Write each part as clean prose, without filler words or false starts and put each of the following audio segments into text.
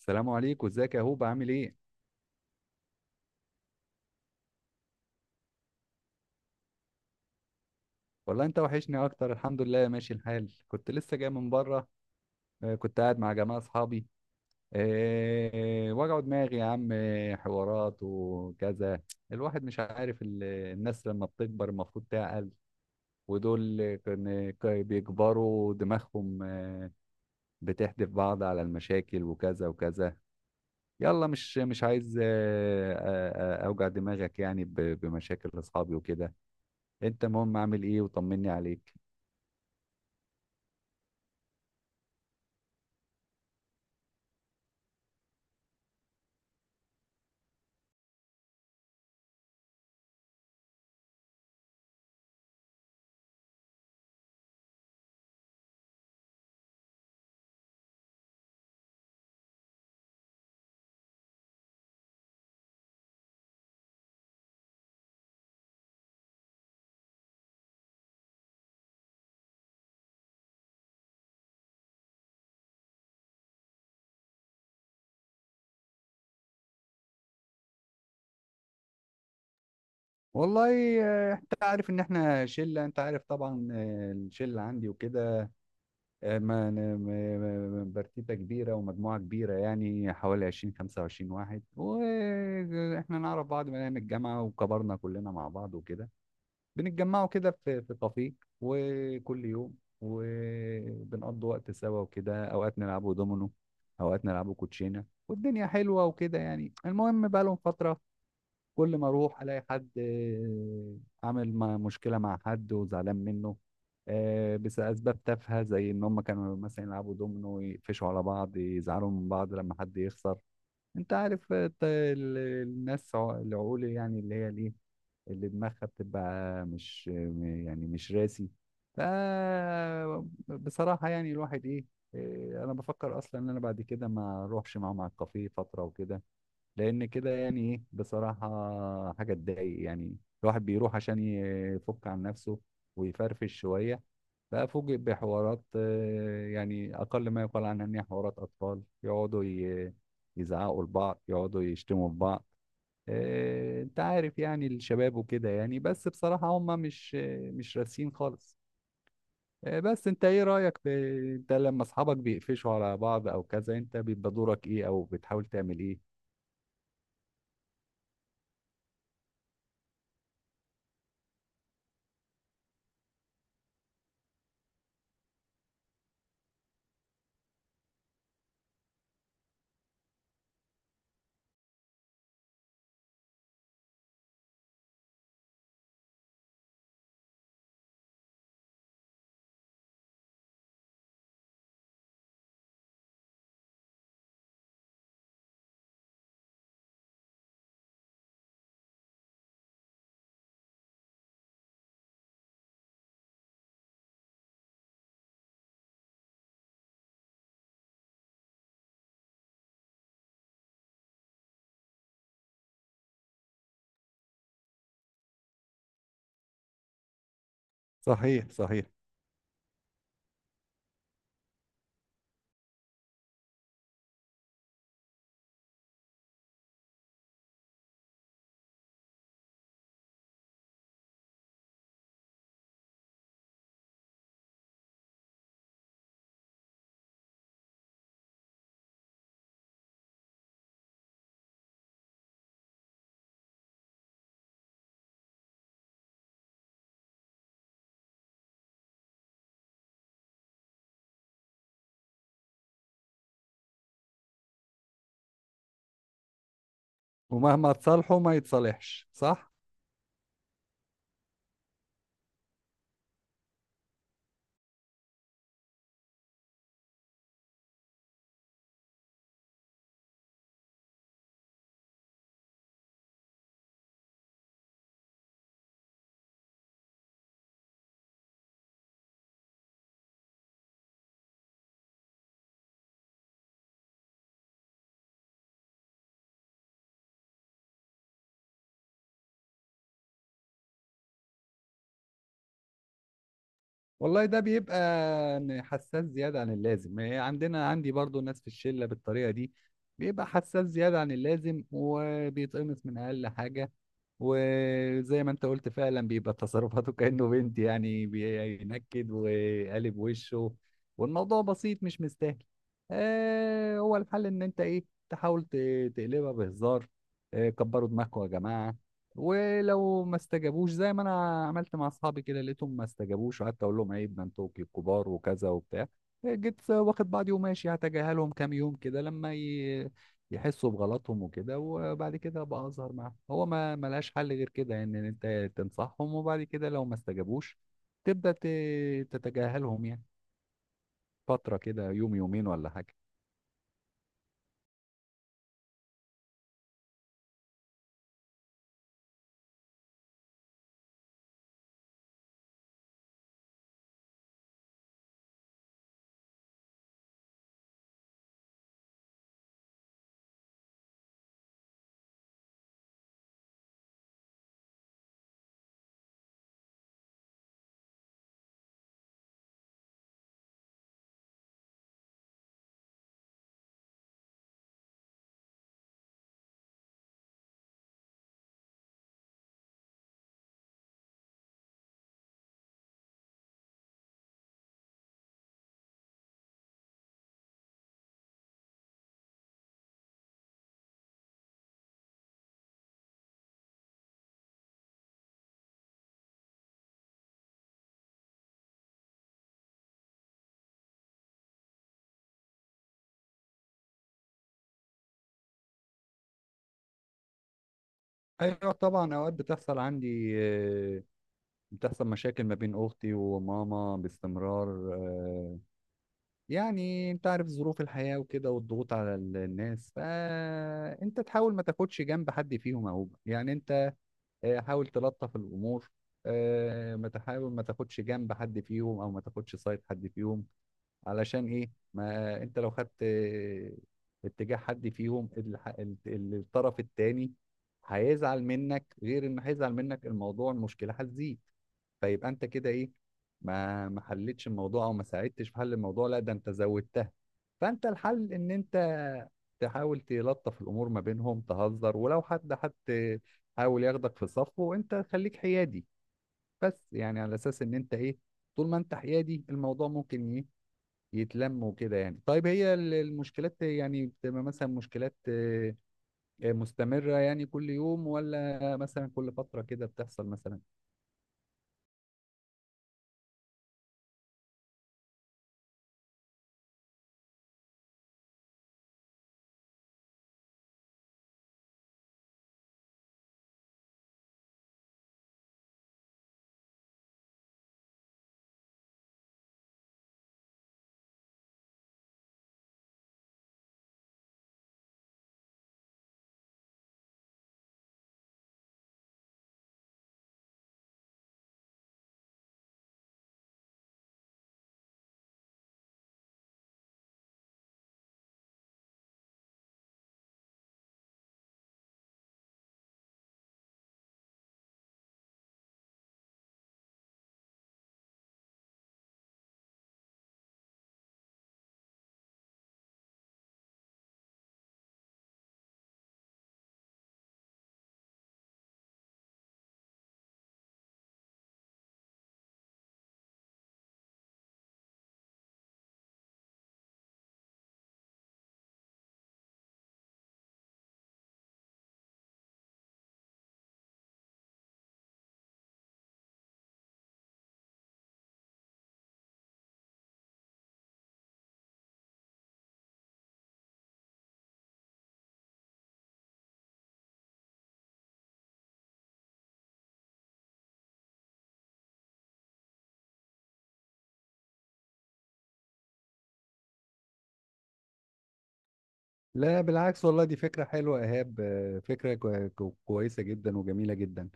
السلام عليكم، ازيك يا هوب؟ عامل ايه؟ والله انت وحشني اكتر. الحمد لله ماشي الحال. كنت لسه جاي من بره. كنت قاعد مع جماعه اصحابي. وجعوا دماغي يا عم، حوارات وكذا. الواحد مش عارف الناس لما بتكبر المفروض تعقل، ودول كان بيكبروا دماغهم، بتحدف بعض على المشاكل وكذا وكذا. يلا مش عايز اوجع دماغك يعني بمشاكل اصحابي وكده. انت المهم عامل ايه؟ وطمني عليك. والله انت عارف ان احنا شله، انت عارف طبعا، الشله عندي وكده. آه، ما أنا- ما- ما- ما- برتيته كبيره ومجموعه كبيره، يعني حوالي 20 25 واحد، واحنا نعرف بعض من ايام الجامعه وكبرنا كلنا مع بعض وكده. بنتجمعوا كده في كافيه وكل يوم، وبنقضي وقت سوا وكده. اوقات نلعبوا دومينو، اوقات نلعبوا كوتشينه، والدنيا حلوه وكده يعني. المهم بقى لهم فتره كل ما اروح الاقي حد، عامل مشكله مع حد وزعلان منه. بس اسباب تافهه، زي ان هم كانوا مثلا يلعبوا دومينو يقفشوا على بعض، يزعلوا من بعض لما حد يخسر. انت عارف، الناس العقول يعني اللي هي ليه اللي دماغها بتبقى مش يعني مش راسي. ف بصراحه يعني الواحد ايه، انا بفكر اصلا ان انا بعد كده ما اروحش معاهم على الكافيه فتره وكده، لان كده يعني ايه بصراحه حاجه تضايق يعني. الواحد بيروح عشان يفك عن نفسه ويفرفش شويه، بقى فوجئ بحوارات، يعني اقل ما يقال عنها ان هي حوارات اطفال يقعدوا يزعقوا لبعض، يقعدوا يشتموا في بعض. انت عارف يعني الشباب وكده يعني، بس بصراحه هم مش مش راسين خالص. بس انت ايه رايك في، انت لما اصحابك بيقفشوا على بعض او كذا انت بيبقى دورك ايه، او بتحاول تعمل ايه؟ صحيح، صحيح. ومهما تصالحه ما يتصالحش، صح؟ والله ده بيبقى إن حساس زيادة عن اللازم. إيه، عندنا عندي برضو ناس في الشلة بالطريقة دي، بيبقى حساس زيادة عن اللازم وبيتقمص من أقل حاجة. وزي ما انت قلت فعلا بيبقى تصرفاته كأنه بنت يعني، بينكد وقالب وشه والموضوع بسيط مش مستاهل. آه، هو الحل ان انت ايه، تحاول تقلبها بهزار. آه، كبروا دماغكم يا جماعة. ولو ما استجابوش، زي ما انا عملت مع اصحابي كده، لقيتهم ما استجابوش وقعدت اقول لهم عيب، ده انتوا كبار وكذا وبتاع، جيت واخد بعضي وماشي هتجاهلهم كام يوم كده لما ي... يحسوا بغلطهم وكده، وبعد كده ابقى اظهر معاهم. هو ما ملهاش حل غير كده يعني، ان انت تنصحهم وبعد كده لو ما استجابوش تبدا ت... تتجاهلهم يعني، فتره كده يوم يومين ولا حاجه. ايوه طبعا اوقات بتحصل عندي، بتحصل مشاكل ما بين اختي وماما باستمرار. آه، يعني انت عارف ظروف الحياة وكده والضغوط على الناس، فانت تحاول ما تاخدش جنب حد فيهم اهو يعني. انت حاول تلطف الامور، ما تحاول ما تاخدش جنب حد فيهم او ما تاخدش سايد حد فيهم. علشان ايه؟ ما انت لو خدت اتجاه حد فيهم، الطرف التاني هيزعل منك. غير انه هيزعل منك، الموضوع المشكلة هتزيد. فيبقى انت كده ايه، ما حلتش الموضوع او ما ساعدتش في حل الموضوع، لا ده انت زودتها. فانت الحل ان انت تحاول تلطف الامور ما بينهم، تهزر، ولو حد حاول ياخدك في صفه، وانت خليك حيادي. بس يعني على اساس ان انت ايه، طول ما انت حيادي الموضوع ممكن ايه، يتلم وكده يعني. طيب هي المشكلات يعني بتبقى مثلا مشكلات، مستمرة يعني كل يوم، ولا مثلا كل فترة كده بتحصل مثلا؟ لا بالعكس، والله دي فكرة حلوة يا إيهاب. فكرة كويسة جدا وجميلة جدا.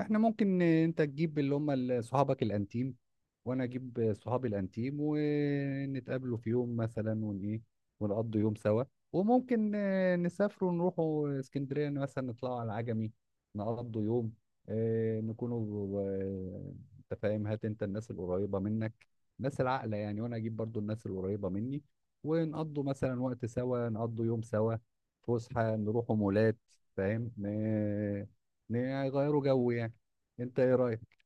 احنا ممكن، انت تجيب اللي هم صحابك الانتيم، وانا اجيب صحابي الانتيم، ونتقابلوا في يوم مثلا ون ايه، ونقضوا يوم سوا. وممكن نسافروا نروحوا اسكندرية مثلا، نطلعوا على العجمي، نقضوا يوم. آه، نكونوا آه، انت فاهم، هات انت الناس القريبة منك، ناس العاقلة يعني، وانا اجيب برضو الناس القريبة مني، ونقضوا مثلا وقت سوا، نقضوا يوم سوا، فسحة، نروحوا مولات، فاهم؟ نغيروا جو يعني. انت ايه رأيك؟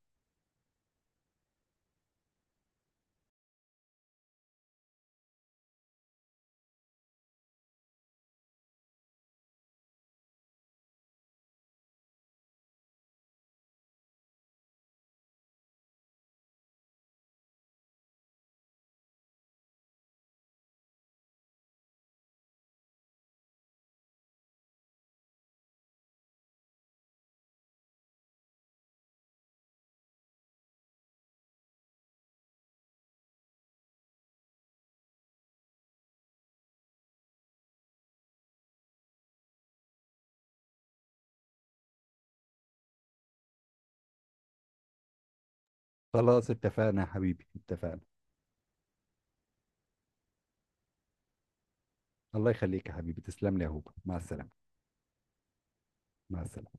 خلاص اتفقنا يا حبيبي، اتفقنا. الله يخليك يا حبيبي، تسلم لي يا هوبا، مع السلامة. مع السلامة.